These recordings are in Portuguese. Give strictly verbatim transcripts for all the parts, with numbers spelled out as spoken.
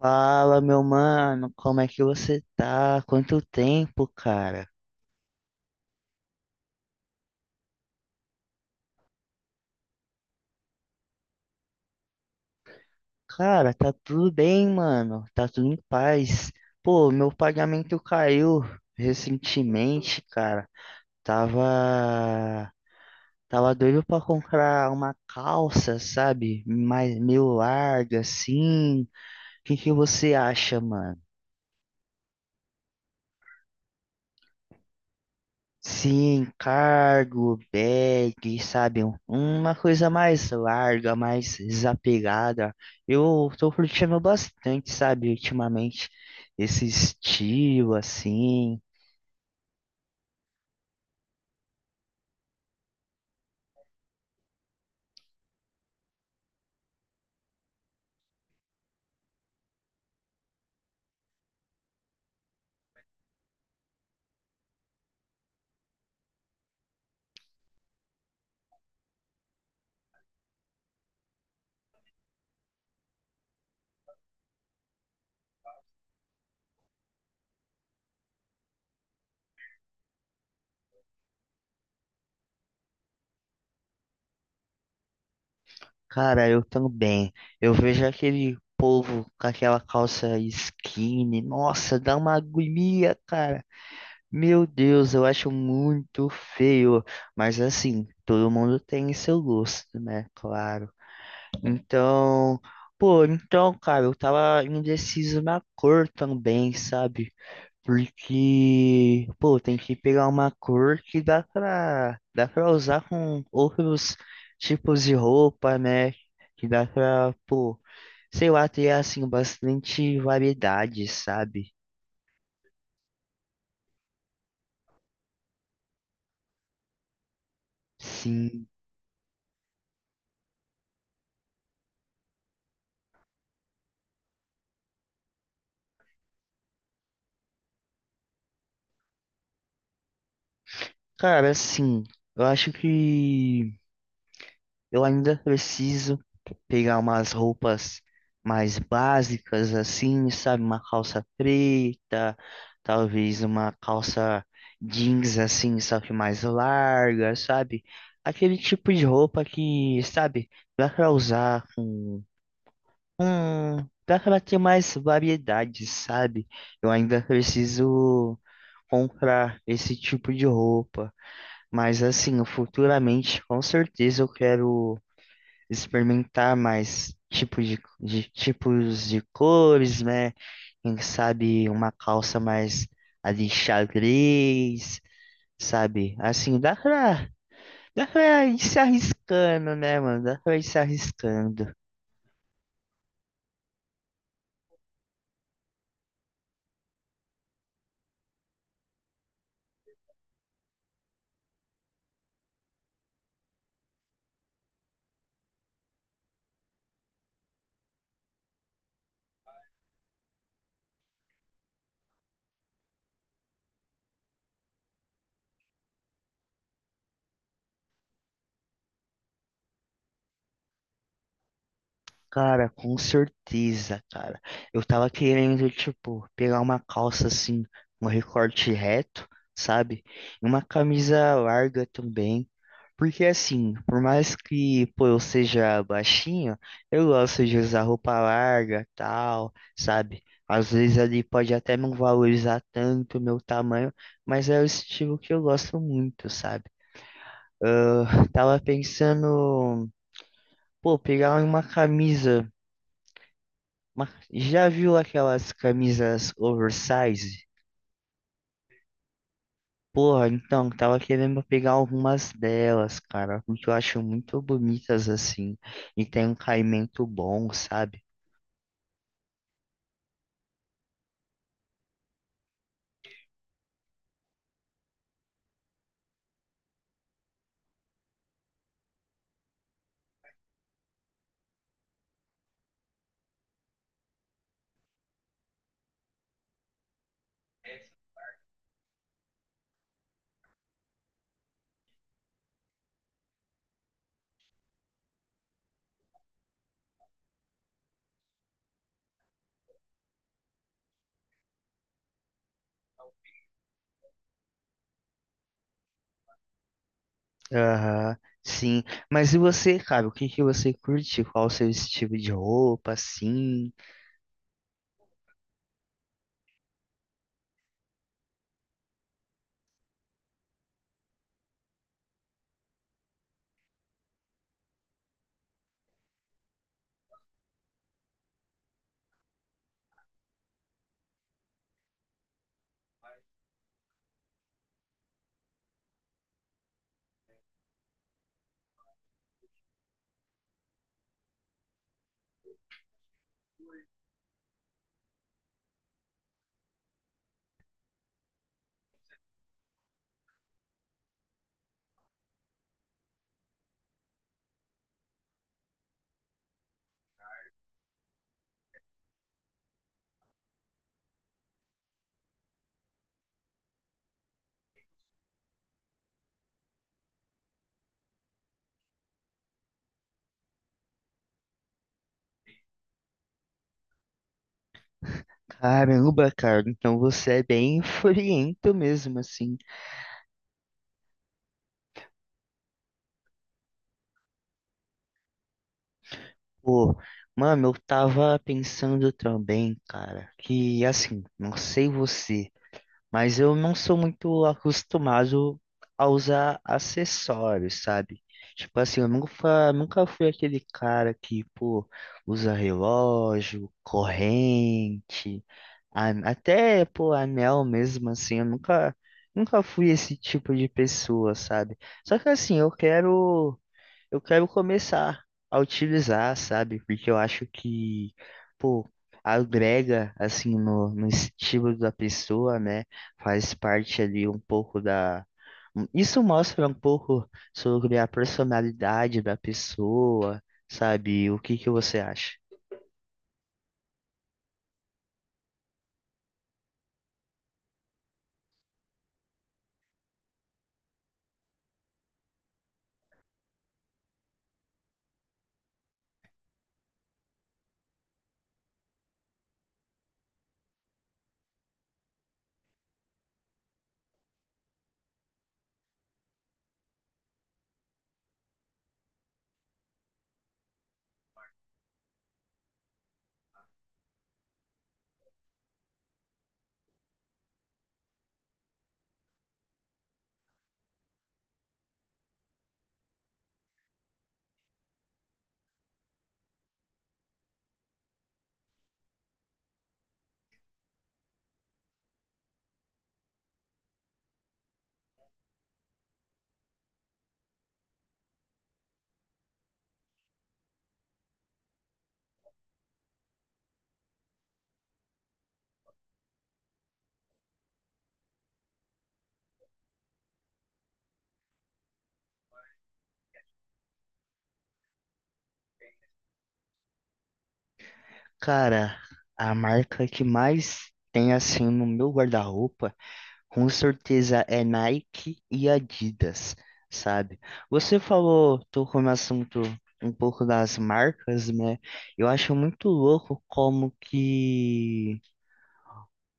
Fala, meu mano, como é que você tá? Quanto tempo, cara? Cara, tá tudo bem, mano. Tá tudo em paz. Pô, meu pagamento caiu recentemente, cara. Tava, tava doido pra comprar uma calça, sabe? Mais meio larga assim. O que que você acha, mano? Sim, cargo, bag, sabe? um- Uma coisa mais larga, mais desapegada. Eu tô curtindo bastante, sabe, ultimamente, esse estilo, assim. Cara, eu também. Eu vejo aquele povo com aquela calça skinny. Nossa, dá uma agonia, cara. Meu Deus, eu acho muito feio. Mas assim, todo mundo tem seu gosto, né? Claro. Então, pô, então, cara, eu tava indeciso na cor também, sabe? Porque, pô, tem que pegar uma cor que dá pra, dá pra usar com outros tipos de roupa, né? Que dá pra, pô, sei lá, ter, assim, bastante variedade, sabe? Sim. Cara, assim, eu acho que. Eu ainda preciso pegar umas roupas mais básicas assim, sabe? Uma calça preta, talvez uma calça jeans assim, só que mais larga, sabe? Aquele tipo de roupa que, sabe, dá pra usar com, com... dá pra ter mais variedade, sabe? Eu ainda preciso comprar esse tipo de roupa, mas assim, futuramente, com certeza eu quero experimentar mais tipos de, de tipos de cores, né? Quem sabe uma calça mais ali xadrez, sabe? Assim, dá pra, dá pra ir se arriscando, né, mano? Dá pra ir se arriscando. Cara, com certeza, cara. Eu tava querendo, tipo, pegar uma calça assim, um recorte reto, sabe? E uma camisa larga também. Porque assim, por mais que, pô, eu seja baixinho, eu gosto de usar roupa larga, tal, sabe? Às vezes ali pode até não valorizar tanto o meu tamanho, mas é o estilo que eu gosto muito, sabe? Ah, tava pensando, pô, pegar uma camisa. Mas já viu aquelas camisas oversize? Porra, então, tava querendo pegar algumas delas, cara, porque eu acho muito bonitas assim, e tem um caimento bom, sabe? Aham, sim. Mas e você, cara, o que que você curte? Qual o seu estilo de roupa, assim? Caramba, cara, então você é bem friento mesmo, assim. Pô, mano, eu tava pensando também, cara, que assim, não sei você. Mas eu não sou muito acostumado a usar acessórios, sabe? Tipo assim, eu nunca, nunca fui aquele cara que, pô, usa relógio, corrente, a- até, pô, anel mesmo, assim, eu nunca, nunca fui esse tipo de pessoa, sabe? Só que assim, eu quero eu quero começar a utilizar, sabe? Porque eu acho que, pô, agrega, assim, no, no estilo da pessoa, né? Faz parte ali um pouco da. Isso mostra um pouco sobre a personalidade da pessoa, sabe? O que que você acha? Cara, a marca que mais tem, assim, no meu guarda-roupa. Com certeza é Nike e Adidas, sabe? Você falou, tocou no assunto um pouco das marcas, né? Eu acho muito louco como que,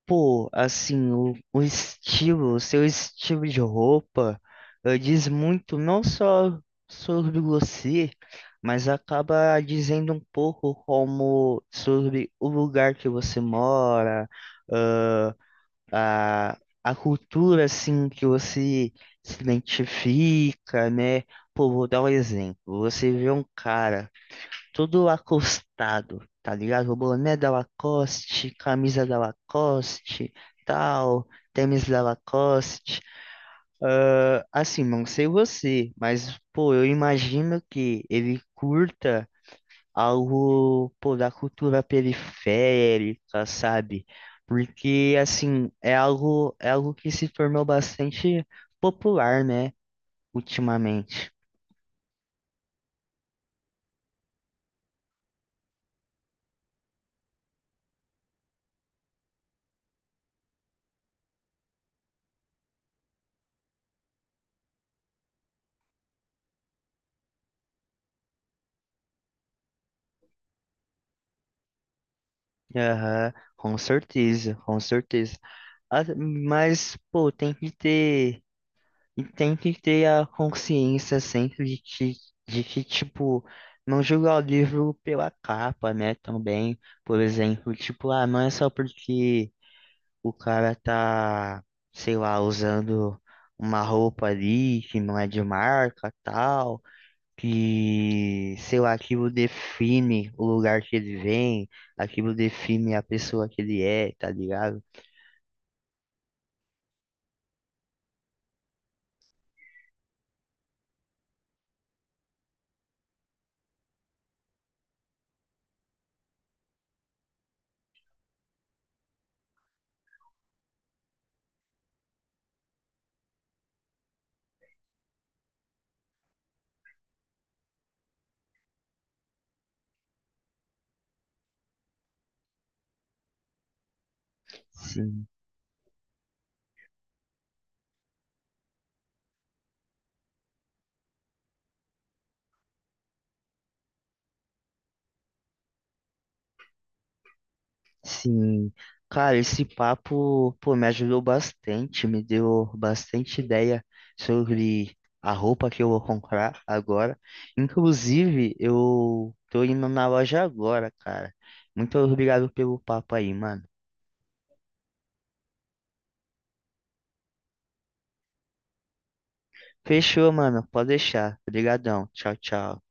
pô, assim, o, o estilo, o seu estilo de roupa, eh, diz muito não só sobre você, mas acaba dizendo um pouco como sobre o lugar que você mora a, a cultura assim que você se identifica, né? Pô, vou dar um exemplo. Você vê um cara todo acostado, tá ligado? O boné da Lacoste, camisa da Lacoste, tal, tênis da Lacoste. Ah, assim, não sei você, mas pô, eu imagino que ele curta algo, pô, da cultura periférica, sabe? Porque, assim, é algo, é algo que se tornou bastante popular, né, ultimamente. Aham, com certeza, com certeza. Ah, mas, pô, tem que ter, e tem que ter a consciência sempre de que, de que, tipo, não julgar o livro pela capa, né, também, por exemplo, tipo, ah, não é só porque o cara tá, sei lá, usando uma roupa ali que não é de marca, tal, que, sei lá, aquilo define o lugar que ele vem, aquilo define a pessoa que ele é, tá ligado? Sim. Sim, cara, esse papo, pô, me ajudou bastante, me deu bastante ideia sobre a roupa que eu vou comprar agora. Inclusive, eu tô indo na loja agora, cara. Muito obrigado pelo papo aí, mano. Fechou, mano. Pode deixar. Obrigadão. Tchau, tchau.